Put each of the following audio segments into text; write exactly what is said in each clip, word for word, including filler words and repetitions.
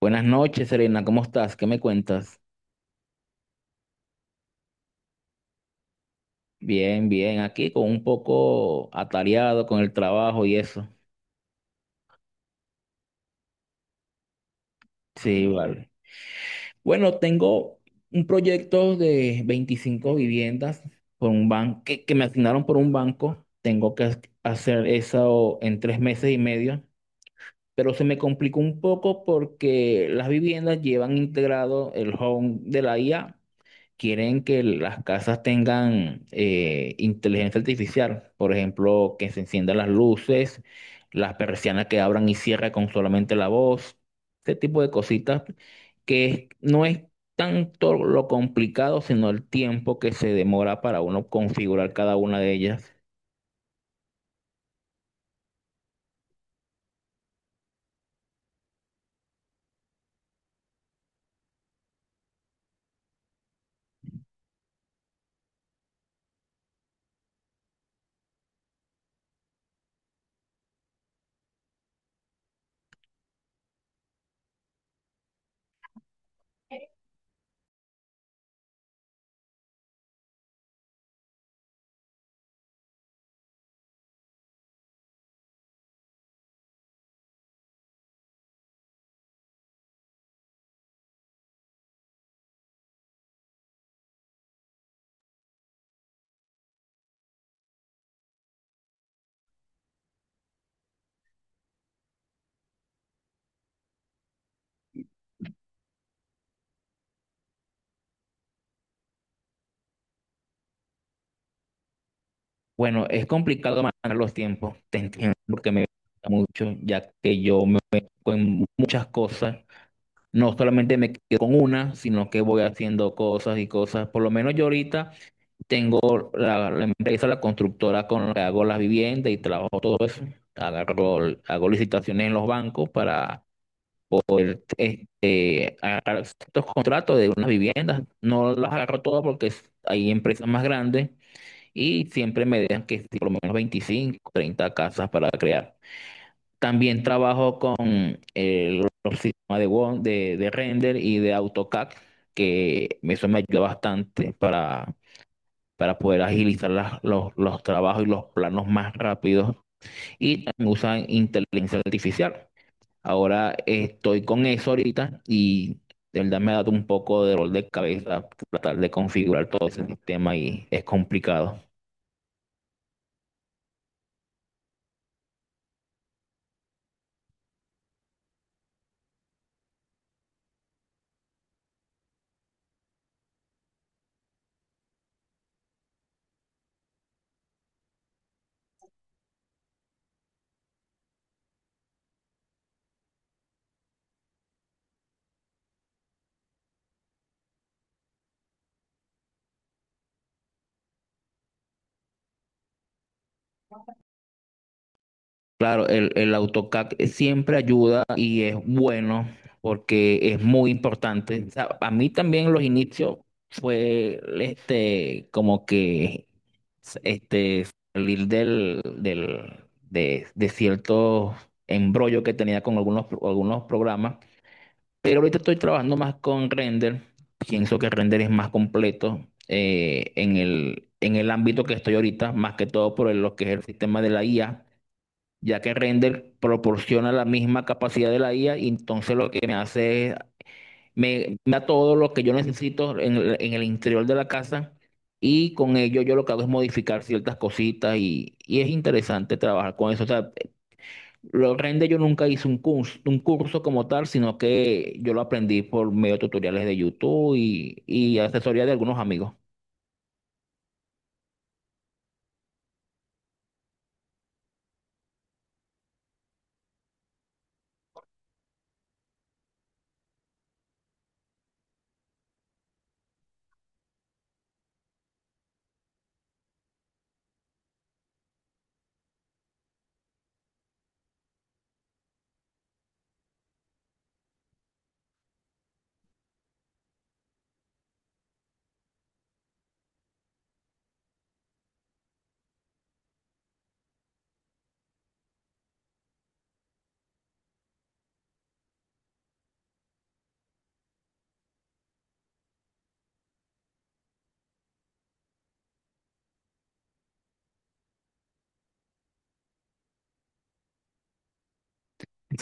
Buenas noches, Serena, ¿cómo estás? ¿Qué me cuentas? Bien, bien, aquí con un poco atareado con el trabajo y eso. Sí, vale. Bueno, tengo un proyecto de veinticinco viviendas por un banco que, que me asignaron por un banco. Tengo que ha- hacer eso en tres meses y medio, pero se me complicó un poco porque las viviendas llevan integrado el home de la I A. Quieren que las casas tengan eh, inteligencia artificial, por ejemplo, que se enciendan las luces, las persianas que abran y cierran con solamente la voz, ese tipo de cositas que es- no es tanto lo complicado, sino el tiempo que se demora para uno configurar cada una de ellas. Bueno, es complicado manejar los tiempos, te entiendo, porque me gusta mucho, ya que yo me meto en muchas cosas. No solamente me quedo con una, sino que voy haciendo cosas y cosas. Por lo menos yo ahorita tengo la, la empresa, la constructora con la que hago las viviendas y trabajo todo eso. Agarro, hago licitaciones en los bancos para poder este, agarrar estos contratos de unas viviendas. No las agarro todas porque es- hay empresas más grandes y siempre me dejan que si por lo menos veinticinco treinta casas para crear. También trabajo con eh, los sistemas de Word, de, de render y de AutoCAD, que eso me ayuda bastante para, para poder agilizar las- los, los trabajos y los planos más rápidos. Y también usan inteligencia artificial. Ahora estoy con eso ahorita y de verdad me ha dado un poco de dolor de cabeza tratar de configurar todo ese sistema y es complicado. Claro, el, el AutoCAD siempre ayuda y es bueno porque es muy importante. O sea, a mí también los inicios fue este como que este salir del, del de, de cierto embrollo que tenía con algunos pro- algunos programas, pero ahorita estoy trabajando más con Render. Pienso que Render es más completo, eh, en el en el ámbito que estoy ahorita, más que todo por el- lo que es el sistema de la I A, ya que Render proporciona la misma capacidad de la I A, y entonces lo que me hace es, me me da todo lo que yo necesito en el, en el interior de la casa, y con ello yo lo que hago es modificar ciertas cositas y, y es interesante trabajar con eso. O sea, lo Render yo nunca hice un curso, un curso como tal, sino que yo lo aprendí por medio de tutoriales de YouTube y, y asesoría de algunos amigos.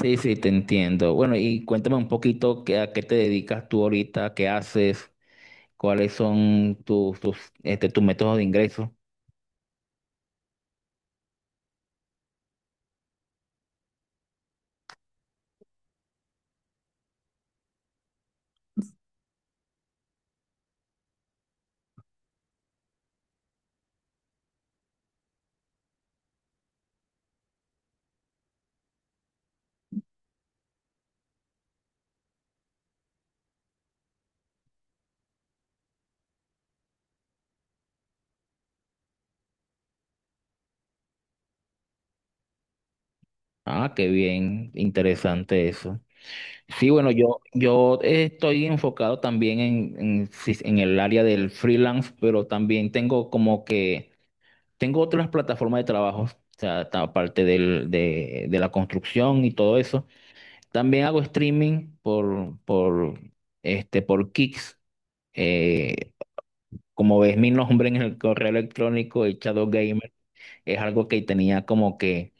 Sí, sí, te entiendo. Bueno, y cuéntame un poquito qué, a qué te dedicas tú ahorita, qué haces, cuáles son tus, tus, este, tus métodos de ingreso. Ah, qué bien, interesante eso. Sí, bueno, yo, yo estoy enfocado también en, en, sí, en el área del freelance, pero también tengo como que, tengo otras plataformas de trabajo, o sea, ta- aparte del, de, de la construcción y todo eso. También hago streaming por, por, este, por Kicks. Eh, Como ves mi nombre en el correo electrónico, el Shadow Gamer, es algo que tenía como que.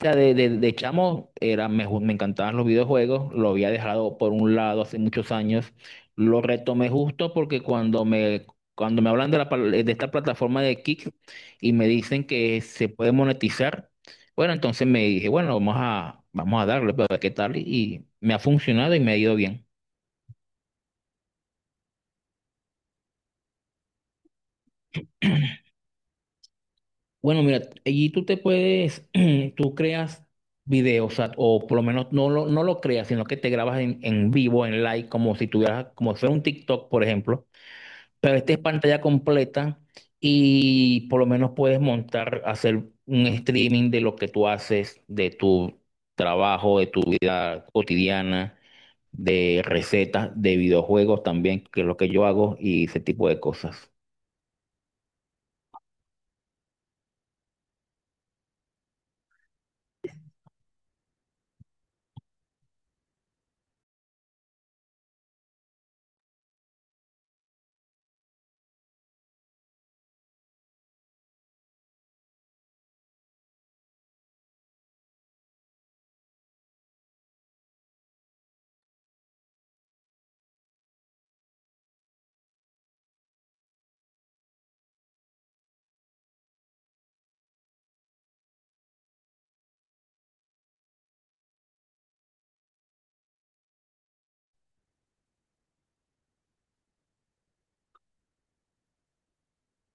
O sea, de, de, de chamo era, me, ju- me encantaban los videojuegos, lo había dejado por un lado hace muchos años, lo retomé justo porque cuando me, cuando me hablan de, la, pal- de esta plataforma de Kick y me dicen que se puede monetizar, bueno, entonces me dije, bueno, vamos a, vamos a darle, pero a ver qué tal, y me ha funcionado y me ha ido bien. Bueno, mira, allí tú te puedes, tú creas videos, o sea, o por lo menos no lo, no lo creas, sino que te grabas en, en vivo, en live, como si tuvieras, como si fuera un TikTok, por ejemplo, pero este es pantalla completa y por lo menos puedes montar, hacer un streaming de lo que tú haces, de tu trabajo, de tu vida cotidiana, de recetas, de videojuegos también, que es lo que yo hago y ese tipo de cosas.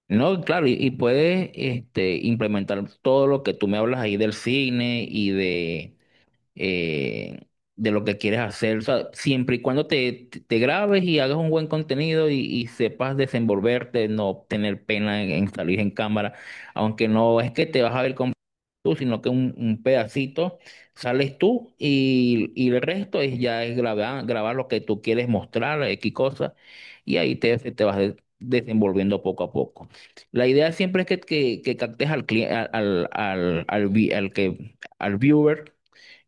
No, claro, y, y puedes este, implementar todo lo que tú me hablas ahí del cine y de, eh, de lo que quieres hacer. O sea, siempre y cuando te, te grabes y hagas un buen contenido y, y sepas desenvolverte, no tener pena en, en salir en cámara, aunque no es que te vas a ver con tú, sino que un, un pedacito sales tú y, y el resto es ya es grabar, grabar lo que tú quieres mostrar, X cosa, y ahí te, te vas de- desenvolviendo poco a poco. La idea siempre es que, que, que captes al, cli- al, al, al, al vi- al que, al viewer,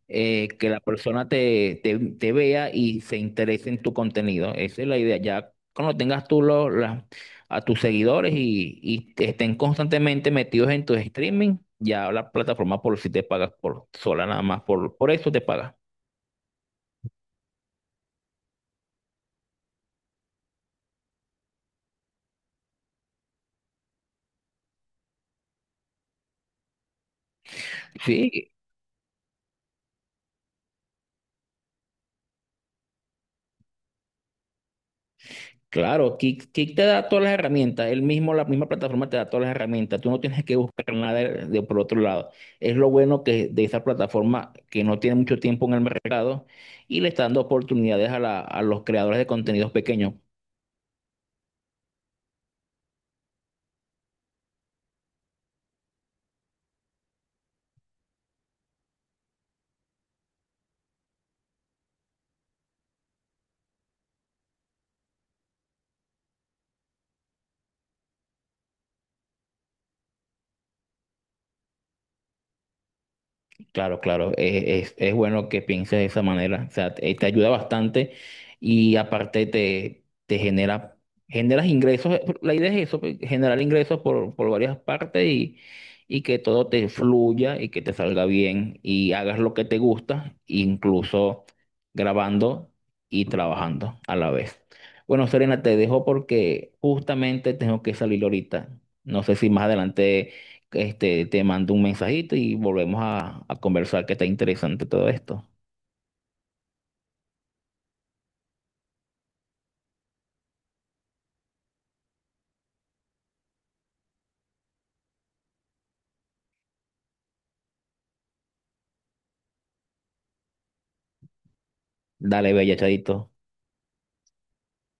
eh, que la persona te, te, te vea y se interese en tu contenido. Esa es la idea. Ya cuando tengas tú lo- la- a tus seguidores y, y te estén constantemente metidos en tus streaming, ya la plataforma por si te pagas por sola nada más, por, por eso te paga. Sí, claro, Kick, Kick te da todas las herramientas, él mismo, la misma plataforma te da todas las herramientas, tú no tienes que buscar nada de, de por otro lado. Es lo bueno que de esa plataforma, que no tiene mucho tiempo en el mercado y le está dando oportunidades a, la- a los creadores de contenidos pequeños. Claro, claro, eh, es, es bueno que pienses de esa manera, o sea, te, te ayuda bastante y aparte te, te genera, generas ingresos, eh, la idea es eso, pues, generar ingresos por, por varias partes y, y que todo te fluya y que te salga bien y hagas lo que te gusta, incluso grabando y trabajando a la vez. Bueno, Serena, te dejo porque justamente tengo que salir ahorita, no sé si más adelante este, te mando un mensajito y volvemos a, a conversar, que está interesante todo esto. Dale, bella, chadito.